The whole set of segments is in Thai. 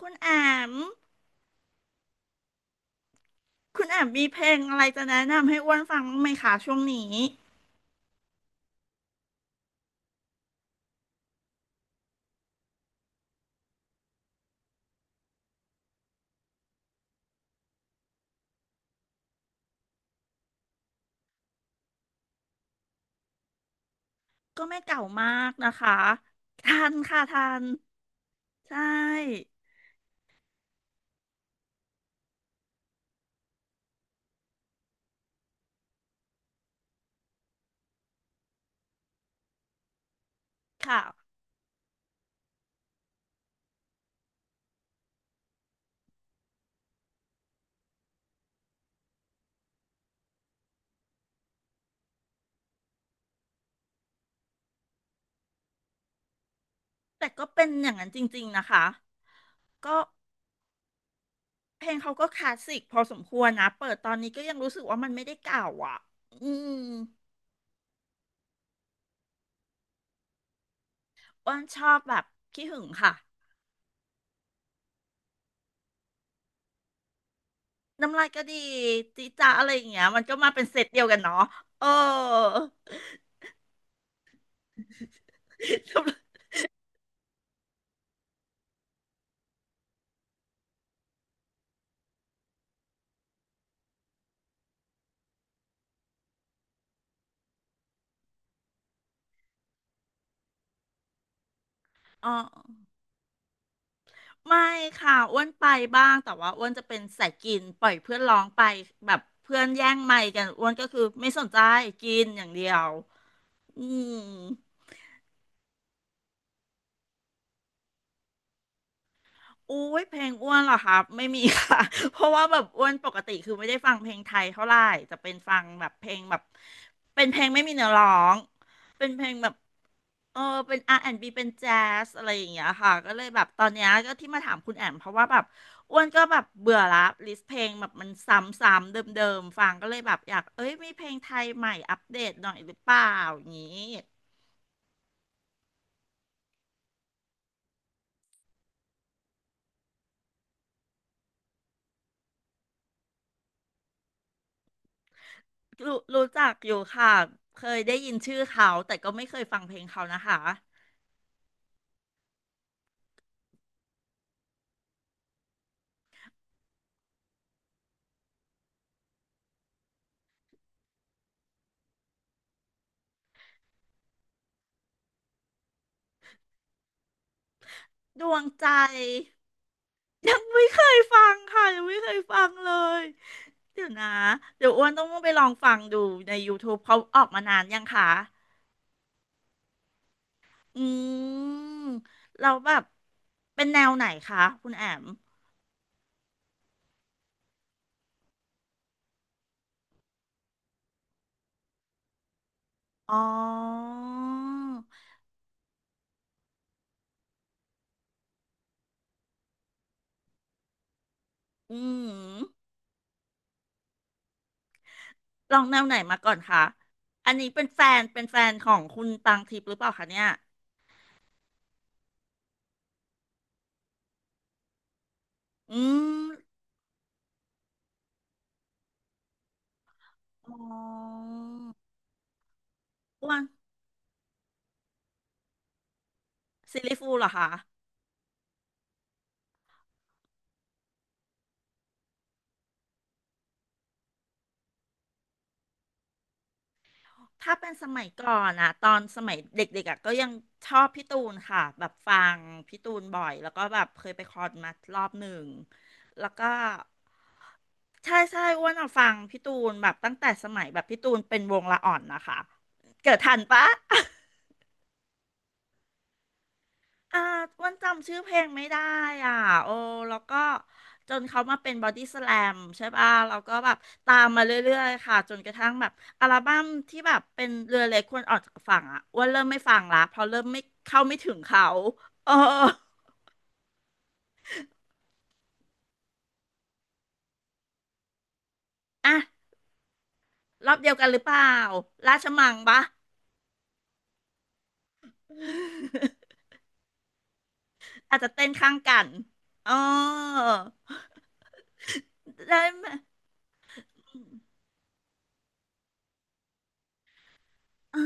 คุณแอมคุณแอมมีเพลงอะไรจะแนะนำให้อ้วนฟังบ้างไหมคะช่วงนี้ก็ไม่เก่ามากนะคะทันค่ะทันใช่ค่ะแต่ก็เป็นอย่างนั้นจริงๆนะคะก็เพลงเขาก็คลาสสิกพอสมควรนะเปิดตอนนี้ก็ยังรู้สึกว่ามันไม่ได้เก่าอ่ะอืมอ้วนชอบแบบขี้หึงค่ะน้ำลายก็ดีจีจ้าอะไรอย่างเงี้ยมันก็มาเป็นเซตเดียวกันเนาะเออ อ๋อ ไม่ค่ะอ้วนไปบ้างแต่ว่าอ้วนจะเป็นสายกินปล่อยเพื่อนร้องไปแบบเพื่อนแย่งไมค์กันอ้วนก็คือไม่สนใจกินอย่างเดียวอืม อุ้ยเพลงอ้วนเหรอครับไม่มีค่ะ เพราะว่าแบบอ้วนปกติคือไม่ได้ฟังเพลงไทยเท่าไหร่จะเป็นฟังแบบเพลงแบบเป็นเพลงไม่มีเนื้อร้องเป็นเพลงแบบเออเป็นอาร์แอนด์บ b เป็นแจ๊สอะไรอย่างเงี้ยค่ะก็เลยแบบตอนเนี้ยก็ที่มาถามคุณแอมเพราะว่าแบบอ้วนก็แบบเบื่อละลิสต์เพลงแบบมันซ้ำๆเดิมๆฟังก็เลยแบบอยากเอ้ยมีเพลงไทยใหม่อัปเดตหน่อยหรือเปล่าอย่างงี้รู้จักอยู่ค่ะเคยได้ยินชื่อเขาแต่ก็ไม่เคยฟังเพลงเขานะคะ ดวงใจยังไม่เคยฟังค่ะยังไม่เคยฟังเลยเดี๋ยวนะเดี๋ยวอ้วนต้องไปลองฟังดูใน YouTube เขาออกมานานยังคะอืมเราแล้วแบบเป็นแนวไหนคะคุณแอมอ๋ออืมลองแนวไหนมาก่อนคะอันนี้เป็นแฟนของคุณปังทิพย์หรือเปล่าคะเนี่ยอืมอ๋ออ้วนซีรีส์ฟูลเหรอคะ ถ้าเป็นสมัยก่อนอะตอนสมัยเด็กๆอะก็ยังชอบพี่ตูนค่ะแบบฟังพี่ตูนบ่อยแล้วก็แบบเคยไปคอนมารอบหนึ่งแล้วก็ใช่อ้วนอะฟังพี่ตูนแบบตั้งแต่สมัยแบบพี่ตูนเป็นวงละอ่อนนะคะเกิดทันปะ อ่าอ้วันจำชื่อเพลงไม่ได้อ่ะโอ้ แล้วก็จนเขามาเป็นบอดี้สแลมใช่ป่ะเราก็แบบตามมาเรื่อยๆค่ะ จนกระทั่งแบบอัลบั้มที่แบบเป็นเรือเล็กควรออกจากฝั่งอ่ะอ้วันเริ่มไม่ฟังละเพราะเริ่มไม่เข้าไม่ถึงเขาเอออ่ะรอบเดียวกันหรือเปล่า ราชมังปะ อาจจะเต้นข้างกันอ๋อได้ไหม เอ้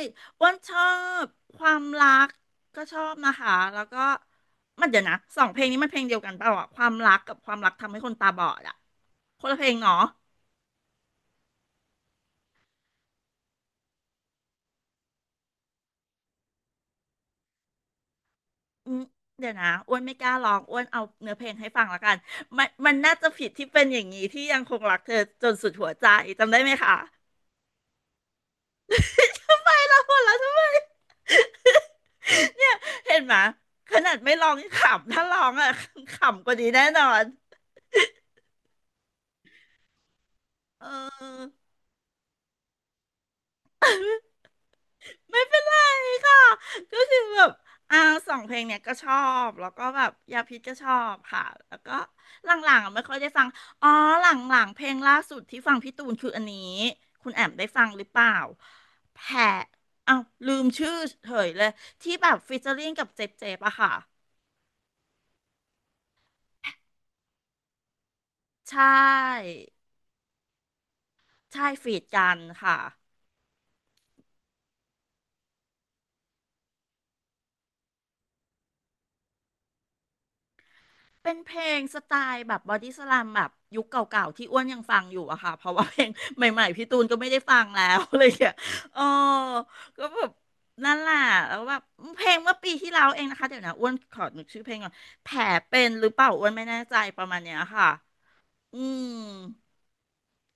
ยอ้วนชอบความรักก็ชอบนะคะ แล้วก็มันเดี๋ยวนะสองเพลงนี้มันเพลงเดียวกันเปล่าอะความรักกับความรักทำให้คนตาบอดอะคนละเพลงเนาะอืมเดี๋ยวนะอ้วนไม่กล้าร้องอ้วนเอาเนื้อเพลงให้ฟังแล้วกันมันน่าจะผิดที่เป็นอย่างนี้ที่ยังคงรักเธอจนสุดหัวใจจำได้ไหมคะ ทำไมล่ะหัวเราะทำไมเห็นไหมขนาดไม่ร้องยังขำถ้าร้องอะขำกว่านี้แน่นอนเออ ไม่เป็นไรค่ะก็คือแบบอ่าสองเพลงเนี่ยก็ชอบ แล้วก็แบบยาพิษก็ชอบค่ะแล้วก็หลังๆอ่ะไม่ค่อยได้ฟังอ๋อหลังๆเพลงล่าสุดที่ฟังพี่ตูนคืออันนี้คุณแอมได้ฟังหรือเปล่าแผลอ้าวลืมชื่อเฉยเลยที่แบบฟีเจอริ่งกับเจ๊บๆอะค่ะใช่ใช่ฟีดกันค่ะ เป็นเพลงสไตล์แบบบอดี้สแลมแบบยุคเก่าๆที่อ้วนยังฟังอยู่อะค่ะเพราะว่าเพลงใหม่ๆพี่ตูนก็ไม่ได้ฟังแล้ว อะไรอย่างเงี้ยเออก็แบบนั่นแหละแล้วแบบเพลงเมื่อปีที่แล้วเองนะคะเดี๋ยวนะอ้วนขอนึกชื่อเพลงก่อนแผลเป็นหรือเปล่าอ้วนไม่แน่ใจประมาณเนี้ยค่ะอืม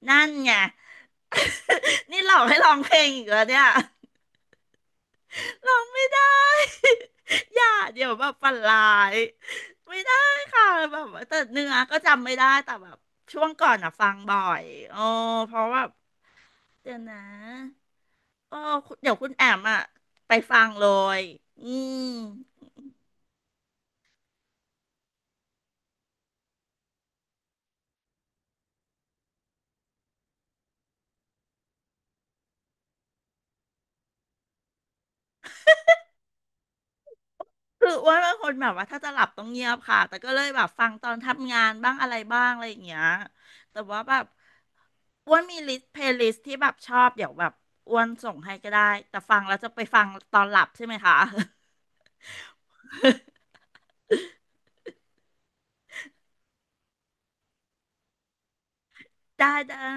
นั่นไง นี่หลอกให้ร้องเพลงอีกแล้วเนี่ย ร้องไม่ได้ อย่าเดี๋ยวแบบฝันร้ายไม่ได้ค่ะแบบว่าแต่เนื้อก็จำไม่ได้แต่แบบช่วงก่อนอ่ะฟังบ่อยอ๋อเพราะว่าเดี๋ยวนะอ๋อคุณเดี๋ยวคุณแอมอ่ะไปฟังเลยอืม คืออ้วนเป็นคนแบบว่าถ้าจะหลับต้องเงียบค่ะแต่ก็เลยแบบฟังตอนทำงานบ้างอะไรบ้างอะไรอย่างเงี้ยแต่ว่าแบบอ้วนมีลิสต์เพลย์ลิสต์ที่แบบชอบเดี๋ยวแบบอ้วนส่งให้ก็ได้แต่ฟังแล้วจะไปฟังตอนหลับใช่ไหมคะ ได้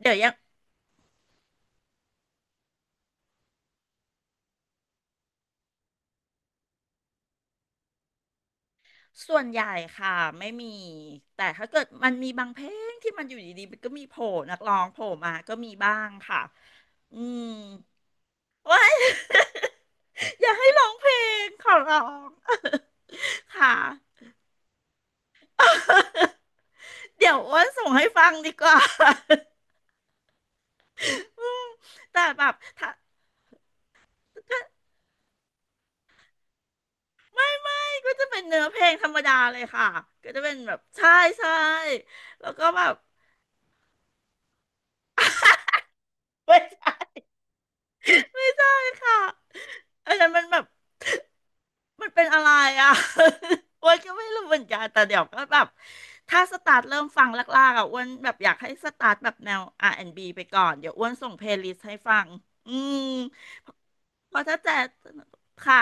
เดี๋ยวยังส่วนใหญ่ค่ะไม่มีแต่ถ้าเกิดมันมีบางเพลงที่มันอยู่ดีๆมันก็มีโผล่นักร้องโผล่มาก็มีบ้างค่ะอืมว้าย อย่าให้ร้องเพลงขอร้อง ค่ะ เดี๋ยวอ้วนส่งให้ฟังดีกว่า อืมแต่แบบถ้าไม่ก็จะเป็นเนื้อเพลงธรรมดาเลยค่ะก็จะเป็นแบบใช่ใช่แล้วก็แบบ ไม่ใช่ค่ะอันนั้นมันแบบมันเป็นอะไรอ่ะ อ้วนก็ไม่รู้เหมือนกันแต่เดี๋ยวก็แบบถ้าสตาร์ทเริ่มฟังลากๆอ่ะอ้วนแบบอยากให้สตาร์ทแบบแนว R&B ไปก่อนเดี๋ยวอ้วนส่งเพลย์ลิสต์ให้ฟังอืมเพราะถ้าแจ๊สขา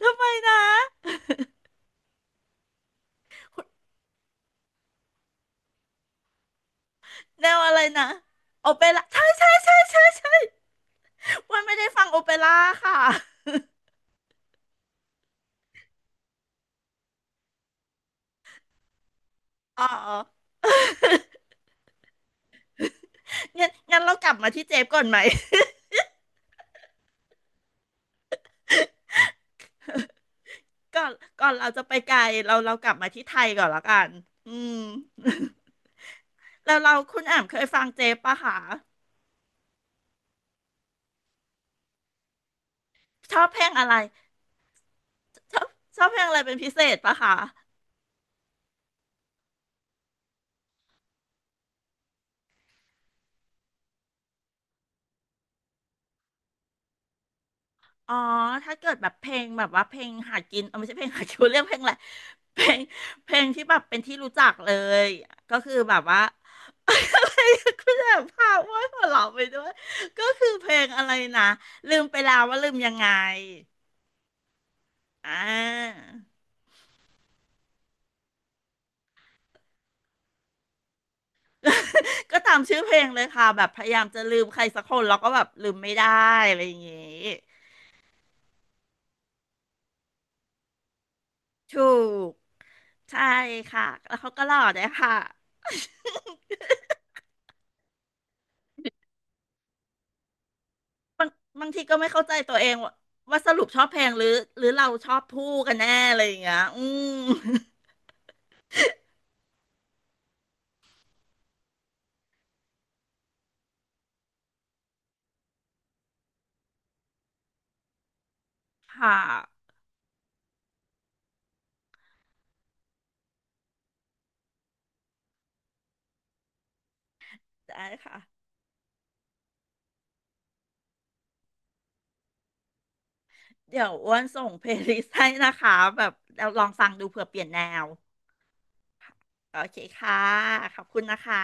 ทำไมนะแนวอะไรนะโอเปร่าใช่ใช่ใช่ใช่ใช่วันไม่ได้ฟังโอเปร่าค่ะอ๋องั้นงั้นเรากลับมาที่เจฟก่อนไหม ก่อนก่อนเราจะไปไกลเราเรากลับมาที่ไทยก่อนละกันอืม แล้วเราคุณแอ่มเคยฟังเจฟปะคะชอบเพลงอะไรชอบชอบเพลงอะไรเป็นพิเศษปะคะ อ๋อถ้าเกิดแบบเพลงแบบว่าเพลงหากินเออไม่ใช่เพลงหากิน เรียกเพลงอะไรเพลงเพลงที่แบบเป็นที่รู้จักเลยก็คือแบบว่า อะไรคุณแบบพาว่าหัวเราะไปด้วยก็คือเพลงอะไรนะลืมไปแล้วว่าลืมยังไงอ่า ก็ตามชื่อเพลงเลยค่ะแบบพยายามจะลืมใครสักคนแล้วก็แบบลืมไม่ได้อะไรอย่างงี้ถูกใช่ค่ะแล้วเขาก็หล่อด้วยค่ะ บางทีก็ไม่เข้าใจตัวเองว่าสรุปชอบเพลงหรือเราชอบผู้กันแน่อะไรอย่างเงี้ยอืม ค่ะได้ค่ะ เดี๋ยวอ้วนส่งเพลย์ลิสต์ให้นะคะแบบเราลองฟังดูเผื่อเปลี่ยนแนว โอเคค่ะ ขอบคุณนะคะ